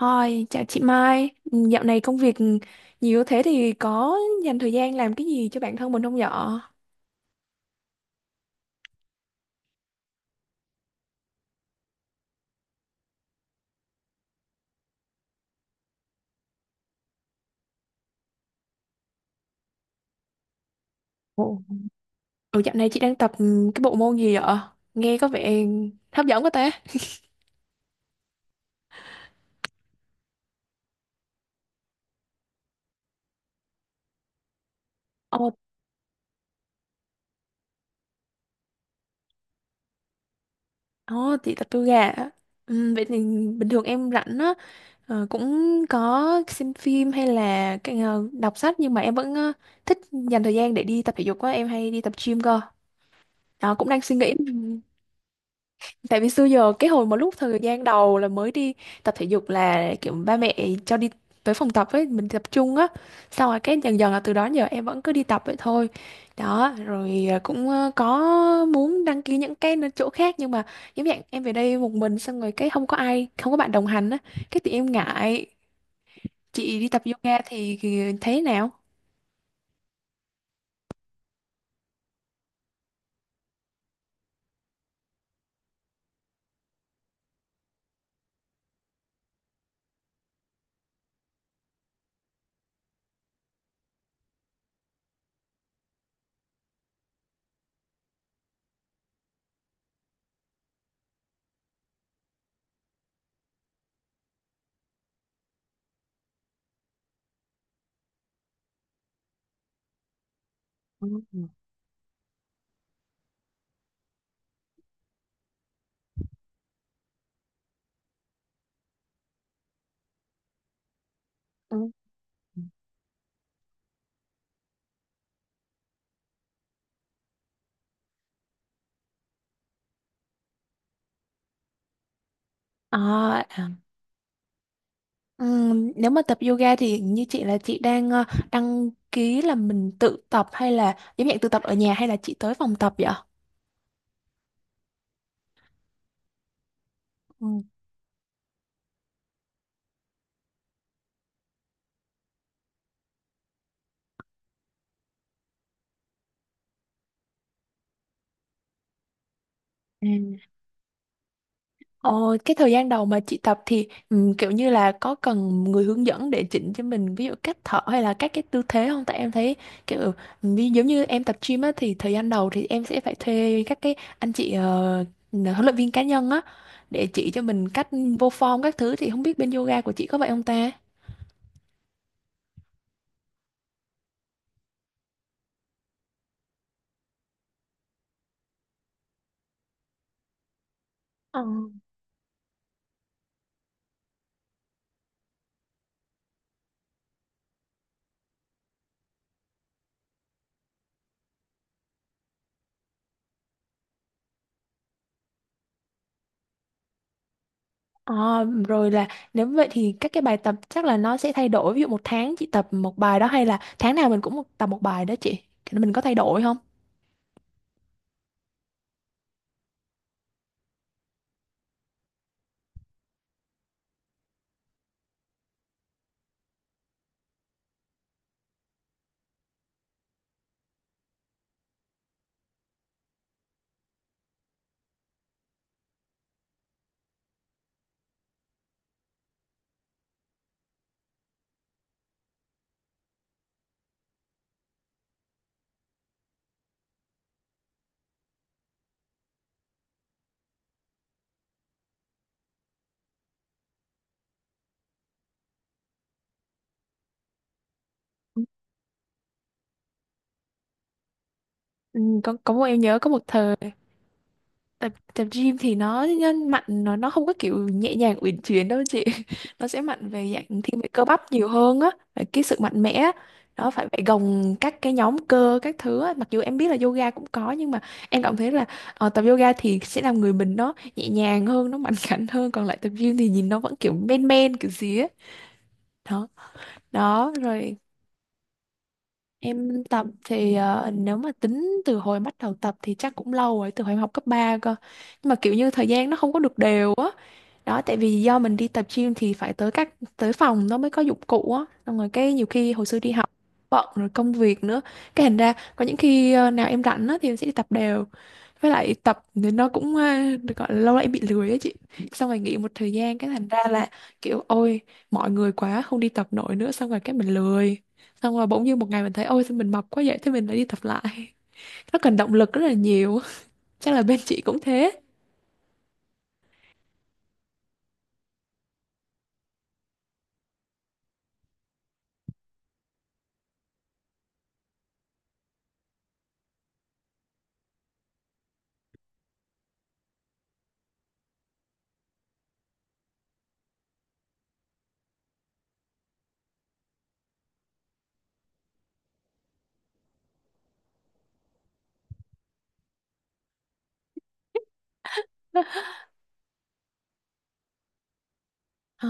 Hi, chào chị Mai. Ừ, Dạo này công việc nhiều thế thì có dành thời gian làm cái gì cho bản thân mình không vậy? Ồ, dạo này chị đang tập cái bộ môn gì vậy? Nghe có vẻ hấp dẫn quá ta. Ồ, ồ, chị tập yoga ạ. Vậy thì bình thường em rảnh á, cũng có xem phim hay là cái, đọc sách nhưng mà em vẫn thích dành thời gian để đi tập thể dục á, em hay đi tập gym cơ. Đó, cũng đang suy nghĩ. Tại vì xưa giờ cái hồi mà lúc thời gian đầu là mới đi tập thể dục là kiểu ba mẹ cho đi tới phòng tập ấy mình tập trung á, xong rồi cái dần dần là từ đó giờ em vẫn cứ đi tập vậy thôi đó rồi, cũng có muốn đăng ký những cái chỗ khác nhưng mà giống dạng em về đây một mình, xong rồi cái không có ai không có bạn đồng hành á, cái thì em ngại. Chị đi tập yoga thì thấy thế nào? Ừ, ừ, ừ. à, nếu mà tập yoga thì như chị là chị đang đăng ký là mình tự tập hay là giống dạng tự tập ở nhà hay là chị tới phòng tập vậy? Ừ. Ừ. Ồ, cái thời gian đầu mà chị tập thì kiểu như là có cần người hướng dẫn để chỉnh cho mình ví dụ cách thở hay là các cái tư thế không? Tại em thấy kiểu giống như em tập gym á, thì thời gian đầu thì em sẽ phải thuê các cái anh chị huấn luyện viên cá nhân á, để chỉ cho mình cách vô form các thứ, thì không biết bên yoga của chị có vậy không ta? À, rồi là nếu vậy thì các cái bài tập chắc là nó sẽ thay đổi, ví dụ một tháng chị tập một bài đó hay là tháng nào mình cũng tập một bài đó, chị mình có thay đổi không? Có một, em nhớ có một thời tập tập gym thì nó nhân mạnh, nó không có kiểu nhẹ nhàng uyển chuyển đâu chị nó sẽ mạnh về dạng thiên về cơ bắp nhiều hơn á, về cái sự mạnh mẽ á. Đó, phải phải gồng các cái nhóm cơ các thứ á. Mặc dù em biết là yoga cũng có nhưng mà em cảm thấy là tập yoga thì sẽ làm người mình nó nhẹ nhàng hơn, nó mạnh khảnh hơn, còn lại tập gym thì nhìn nó vẫn kiểu men men kiểu gì á. Đó đó rồi. Em tập thì nếu mà tính từ hồi bắt đầu tập thì chắc cũng lâu rồi, từ hồi em học cấp 3 cơ. Nhưng mà kiểu như thời gian nó không có được đều á. Đó, tại vì do mình đi tập gym thì phải tới tới phòng nó mới có dụng cụ á. Xong rồi cái nhiều khi hồi xưa đi học bận, rồi công việc nữa. Cái thành ra có những khi nào em rảnh á thì em sẽ đi tập đều, với lại tập thì nó cũng được gọi là lâu lại bị lười á chị, xong rồi nghỉ một thời gian cái thành ra là kiểu ôi mọi người quá không đi tập nổi nữa, xong rồi cái mình lười, xong rồi bỗng nhiên một ngày mình thấy ôi sao mình mập quá vậy, thế mình lại đi tập lại. Nó cần động lực rất là nhiều. Chắc là bên chị cũng thế. À,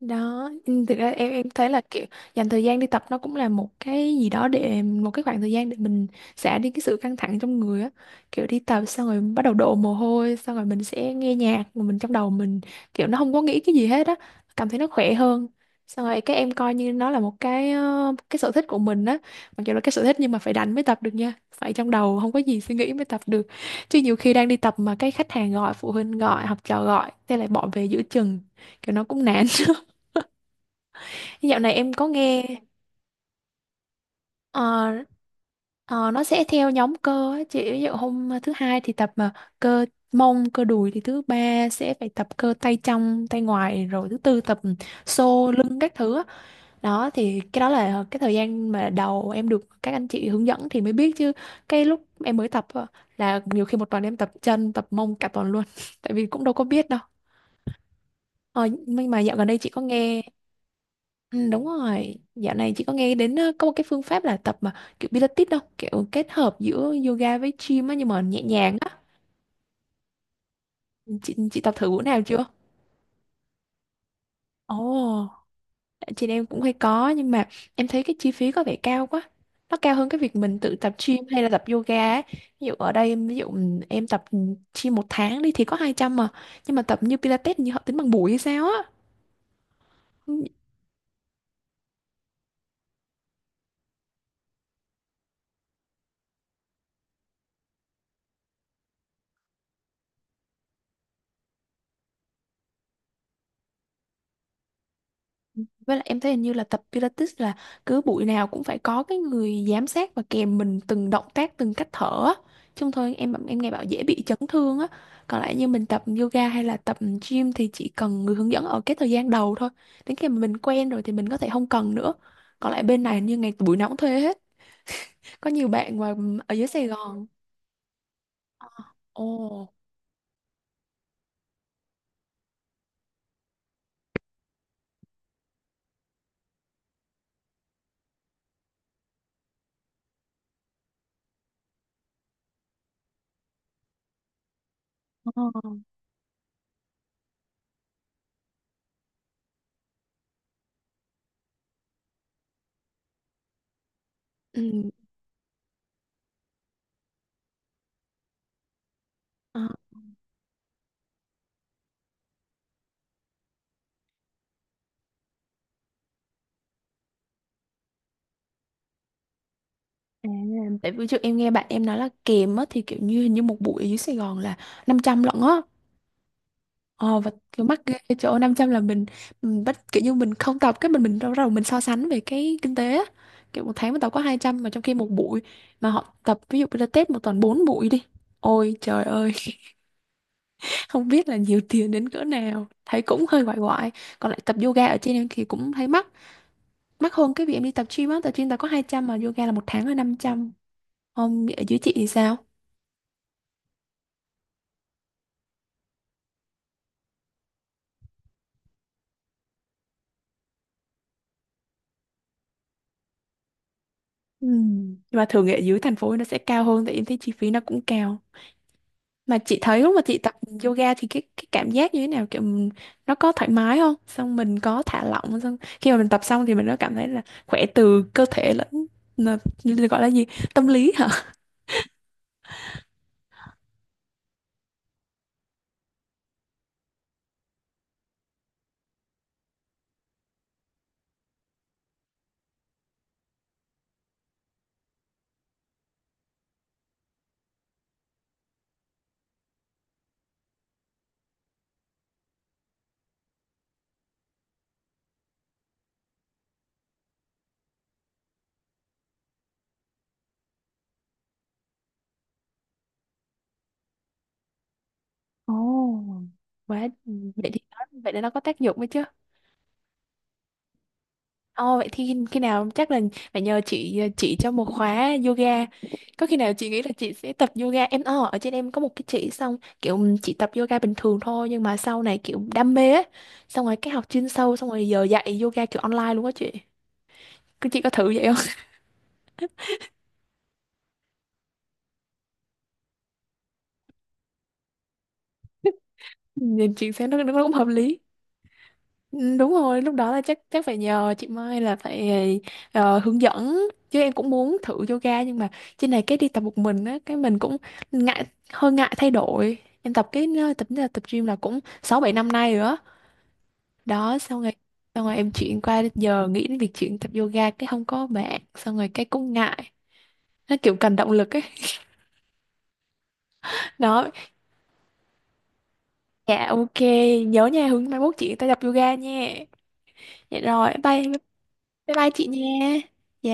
đó. Ừ, thực ra em thấy là kiểu dành thời gian đi tập nó cũng là một cái gì đó để, một cái khoảng thời gian để mình xả đi cái sự căng thẳng trong người á, kiểu đi tập xong rồi bắt đầu đổ mồ hôi, xong rồi mình sẽ nghe nhạc mà mình trong đầu mình kiểu nó không có nghĩ cái gì hết á, cảm thấy nó khỏe hơn. Xong rồi các em coi như nó là một cái cái sở thích của mình á, mặc dù là cái sở thích nhưng mà phải đánh mới tập được nha, phải trong đầu không có gì suy nghĩ mới tập được, chứ nhiều khi đang đi tập mà cái khách hàng gọi, phụ huynh gọi, học trò gọi, thế lại bỏ về giữa chừng kiểu nó cũng nản. Dạo này em có nghe ờ, ờ, nó sẽ theo nhóm cơ á chị, ví dụ hôm thứ hai thì tập mà cơ mông, cơ đùi, thì thứ ba sẽ phải tập cơ tay trong tay ngoài, rồi thứ tư tập xô lưng các thứ á. Đó thì cái đó là cái thời gian mà đầu em được các anh chị hướng dẫn thì mới biết, chứ cái lúc em mới tập á, là nhiều khi một tuần em tập chân, tập mông cả tuần luôn tại vì cũng đâu có biết đâu. Ờ, nhưng mà dạo gần đây chị có nghe. Ừ, đúng rồi, dạo này chị có nghe đến có một cái phương pháp là tập mà kiểu Pilates đâu, kiểu kết hợp giữa yoga với gym á, nhưng mà nhẹ nhàng á. Chị, tập thử bữa nào chưa? Ồ, chị em cũng hay có nhưng mà em thấy cái chi phí có vẻ cao quá. Nó cao hơn cái việc mình tự tập gym hay là tập yoga á. Ví dụ ở đây ví dụ em tập gym một tháng đi thì có 200 mà, nhưng mà tập như Pilates như họ tính bằng buổi hay sao á. Ừ. Với lại em thấy hình như là tập Pilates là cứ buổi nào cũng phải có cái người giám sát và kèm mình từng động tác, từng cách thở á. Chứ không thôi em nghe bảo dễ bị chấn thương á. Còn lại như mình tập yoga hay là tập gym thì chỉ cần người hướng dẫn ở cái thời gian đầu thôi. Đến khi mà mình quen rồi thì mình có thể không cần nữa. Còn lại bên này hình như ngày buổi nào cũng thuê hết. Có nhiều bạn mà ở dưới Sài Gòn. Ồ. Ờ. Ừ. ờ, à, Tại vì trước em nghe bạn em nói là kèm á thì kiểu như hình như một buổi ở dưới Sài Gòn là 500 lận á. Ờ và kiểu mắc ghê chỗ 500 là mình bắt kiểu như mình không tập, cái mình đâu đầu mình so sánh về cái kinh tế á. Kiểu một tháng mình tập có 200 mà trong khi một buổi mà họ tập ví dụ Pilates một tuần 4 buổi đi. Ôi trời ơi, không biết là nhiều tiền đến cỡ nào. Thấy cũng hơi quại quại. Còn lại tập yoga ở trên em thì cũng thấy mắc. Mắc hơn cái việc em đi tập gym á, tập gym tao có 200 mà yoga là một tháng là 500. Không, ở dưới chị thì sao? Ừ. Nhưng mà thường ở dưới thành phố nó sẽ cao hơn, tại em thấy chi phí nó cũng cao. Mà chị thấy lúc mà chị tập yoga thì cái cảm giác như thế nào, kiểu nó có thoải mái không, xong mình có thả lỏng không? Xong khi mà mình tập xong thì mình có cảm thấy là khỏe từ cơ thể lẫn là, gọi là gì, tâm lý hả? Ồ, quá, vậy thì nó vậy để nó có tác dụng ấy chứ. Ồ, vậy thì khi, nào chắc là phải nhờ chị chỉ cho một khóa yoga. Có khi nào chị nghĩ là chị sẽ tập yoga, em ở trên em có một cái chị, xong kiểu chị tập yoga bình thường thôi nhưng mà sau này kiểu đam mê ấy. Xong rồi cái học chuyên sâu xong rồi giờ dạy yoga kiểu online luôn á chị. Cứ chị có thử vậy không? Nhìn chị xem nó cũng hợp lý. Ừ, đúng rồi, lúc đó là chắc chắc phải nhờ chị Mai, là phải hướng dẫn, chứ em cũng muốn thử yoga nhưng mà trên này cái đi tập một mình á, cái mình cũng ngại hơi ngại thay đổi. Em tập cái ờ, tập tập gym là cũng 6 7 năm nay rồi đó. Đó xong rồi em chuyển qua giờ nghĩ đến việc chuyển tập yoga cái không có bạn, xong rồi cái cũng ngại. Nó kiểu cần động lực ấy. Đó. Dạ ok, nhớ nha, hướng mai mốt chị ta tập yoga nha. Dạ rồi, bye bye bye chị nha. Dạ.